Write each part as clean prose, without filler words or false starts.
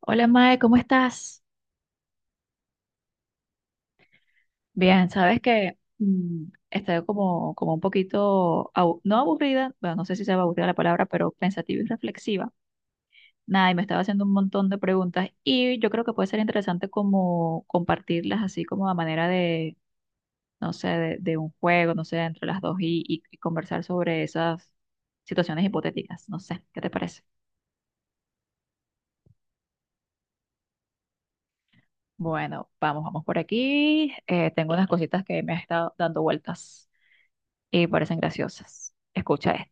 Hola Mae, ¿cómo estás? Bien, sabes que estoy como, como un poquito, no aburrida, bueno, no sé si se va aburrida la palabra, pero pensativa y reflexiva. Nada, y me estaba haciendo un montón de preguntas y yo creo que puede ser interesante como compartirlas así como a manera no sé, de un juego, no sé, entre las dos y conversar sobre esas situaciones hipotéticas. No sé, ¿qué te parece? Bueno, vamos por aquí. Tengo unas cositas que me han estado dando vueltas y parecen graciosas. Escucha esto.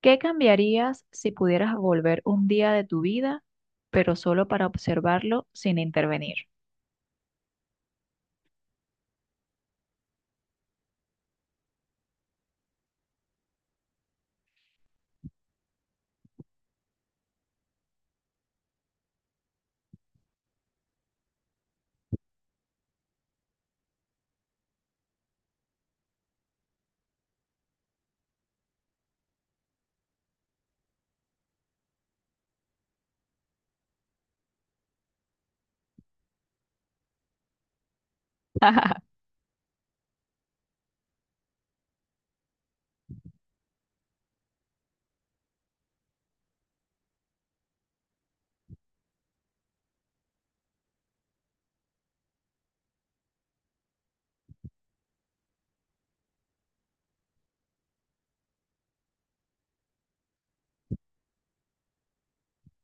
¿Qué cambiarías si pudieras volver un día de tu vida, pero solo para observarlo sin intervenir?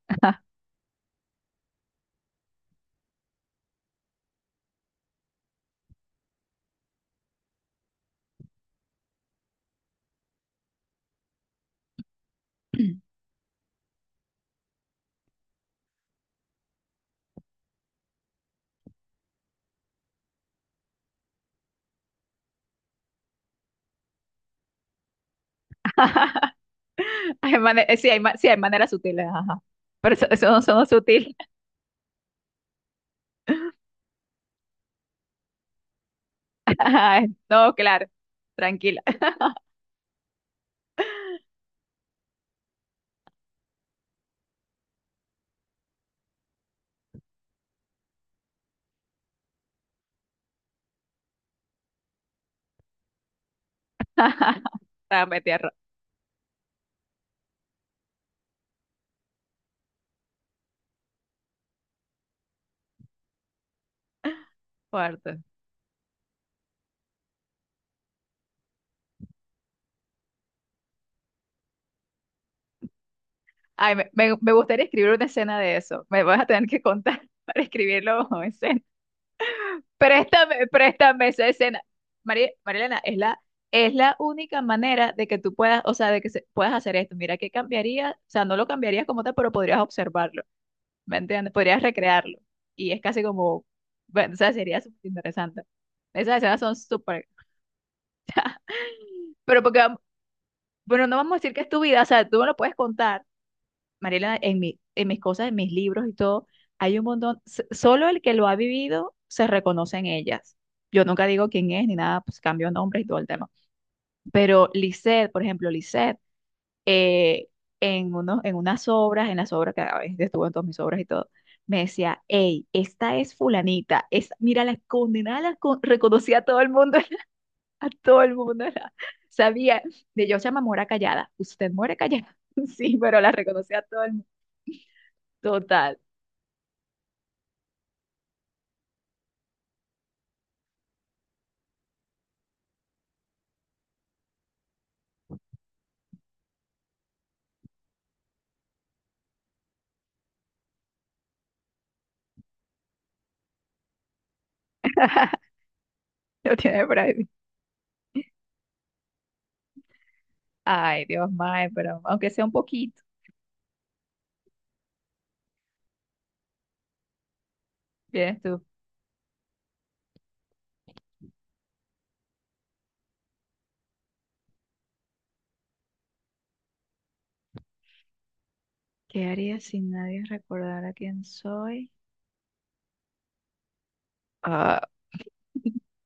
Sí, sí, hay maneras sutiles, ajá. Pero eso no son sutil. Ay, no, claro. Tranquila. Dame tierra. Cuarto. Ay, me gustaría escribir una escena de eso. Me vas a tener que contar para escribirlo en escena. Préstame esa escena. María, Marilena, es la única manera de que tú puedas, o sea, puedas hacer esto. Mira, ¿qué cambiaría? O sea, no lo cambiarías como tal, pero podrías observarlo, ¿me entiendes? Podrías recrearlo. Y es casi como, bueno, o sea, sería súper interesante. Esas escenas son súper, pero porque, bueno, no vamos a decir que es tu vida, o sea, tú no lo puedes contar, Mariela, en mis cosas, en mis libros y todo, hay un montón, solo el que lo ha vivido se reconoce en ellas. Yo nunca digo quién es ni nada, pues cambio nombres y todo el tema. Pero Lisette, por ejemplo, Lisette, eh, en unas obras, en las obras que a veces estuvo en todas mis obras y todo, me decía, hey, esta es fulanita, es, mira, la condenada reconocía a todo el mundo, a todo el mundo, sabía, de yo se llama Mora Callada, usted muere callada, sí, pero la reconocía a todo el mundo. Total. Lo tiene por ahí. Ay, Dios mío, pero aunque sea un poquito, vienes tú. ¿Qué haría si nadie recordara quién soy? Ah,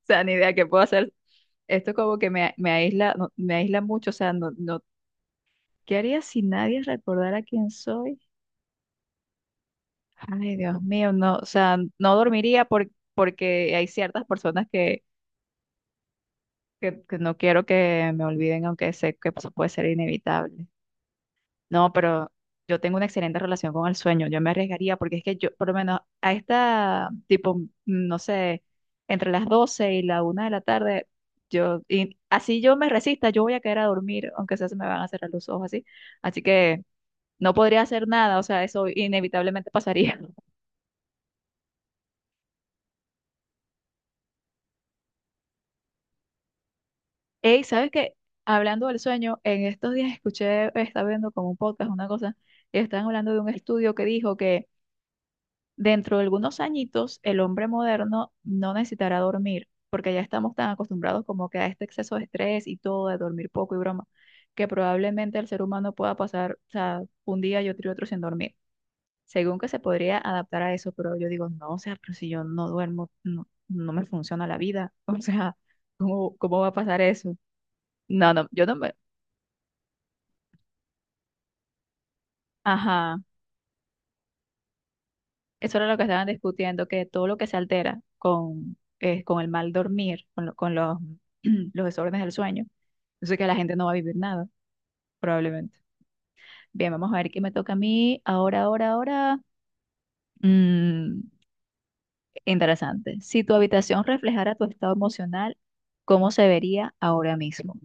o sea, ni idea qué puedo hacer. Esto como que me aísla, no, me aísla mucho, o sea, no, no, ¿qué haría si nadie recordara quién soy? Ay, Dios mío, no, o sea, no dormiría porque hay ciertas personas que, que no quiero que me olviden, aunque sé que pues, puede ser inevitable. No, pero yo tengo una excelente relación con el sueño. Yo me arriesgaría porque es que yo, por lo menos a esta, tipo, no sé, entre las 12 y la una de la tarde, yo, y así yo me resista, yo voy a quedar a dormir, aunque sea se me van a cerrar los ojos así. Así que no podría hacer nada, o sea, eso inevitablemente pasaría. Ey, ¿sabes qué? Hablando del sueño, en estos días escuché, estaba viendo como un podcast, una cosa, y estaban hablando de un estudio que dijo que dentro de algunos añitos, el hombre moderno no necesitará dormir, porque ya estamos tan acostumbrados como que a este exceso de estrés y todo, de dormir poco y broma, que probablemente el ser humano pueda pasar, o sea, un día y otro sin dormir. Según que se podría adaptar a eso, pero yo digo, no, o sea, pero si yo no duermo, no, no me funciona la vida. O sea, ¿cómo va a pasar eso? No, no, yo no me... Ajá. Eso era lo que estaban discutiendo, que todo lo que se altera con el mal dormir, con los, los desórdenes del sueño, eso es que la gente no va a vivir nada, probablemente. Bien, vamos a ver qué me toca a mí ahora. Mm, interesante. Si tu habitación reflejara tu estado emocional, ¿cómo se vería ahora mismo?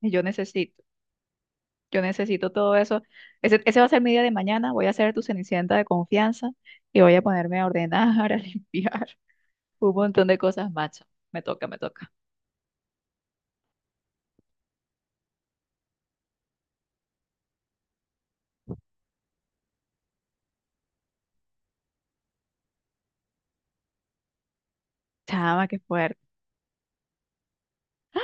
Yo necesito, yo necesito todo eso. Ese va a ser mi día de mañana. Voy a ser tu cenicienta de confianza y voy a ponerme a ordenar, a limpiar, un montón de cosas, macho. Me toca. Chama, qué fuerte,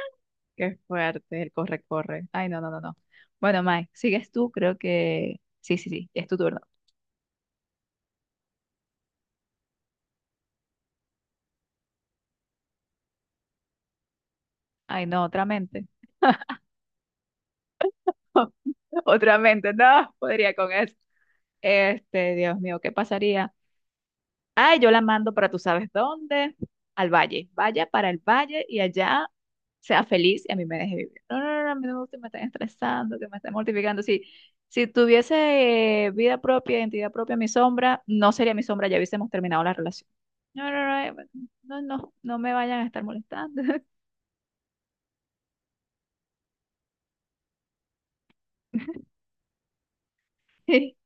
qué fuerte, el corre, corre. Ay, no, no, no, no. Bueno, Mike, sigues tú, creo que... Sí, sí, sí, es tu turno. Ay, no, otra mente. Otra mente, no, podría con eso. Este, Dios mío, ¿qué pasaría? Ay, yo la mando para tú sabes dónde, al valle. Vaya para el valle y allá sea feliz y a mí me deje vivir. No, no, no, no, a mí no me gusta que me estén estresando, que me estén mortificando. Si, si tuviese vida propia, identidad propia, mi sombra, no sería mi sombra, ya hubiésemos terminado la relación. No, no, no, no, no, no me vayan a estar molestando. sí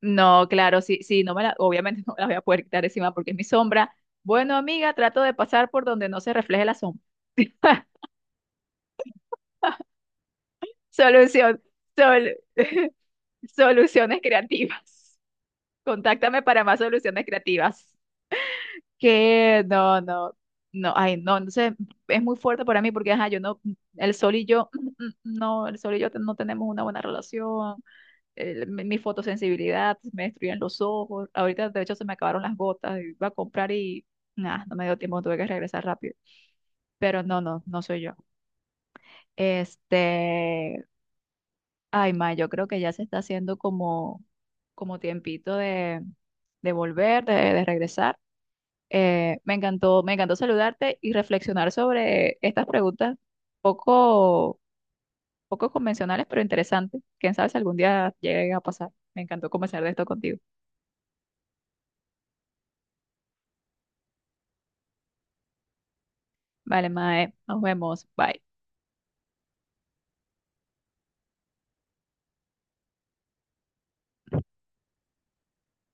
No, claro, sí, sí, no me la, obviamente no me la voy a poder quitar encima porque es mi sombra. Bueno, amiga, trato de pasar por donde no se refleje la sombra. Solución, sol- soluciones creativas. Contáctame para más soluciones creativas. Que no, no, no, ay, no, entonces es muy fuerte para mí porque, ajá, yo no, el sol y yo, no, el sol y yo no tenemos una buena relación, mi fotosensibilidad, me destruyen los ojos, ahorita de hecho se me acabaron las gotas, iba a comprar y, nada, no me dio tiempo, tuve que regresar rápido, pero no, no, no soy yo. Este, ay, ma, yo creo que ya se está haciendo como, como tiempito de, de regresar. Me encantó saludarte y reflexionar sobre estas preguntas poco, poco convencionales, pero interesantes. Quién sabe si algún día llegue a pasar. Me encantó conversar de esto contigo. Vale, Mae, nos vemos. Bye.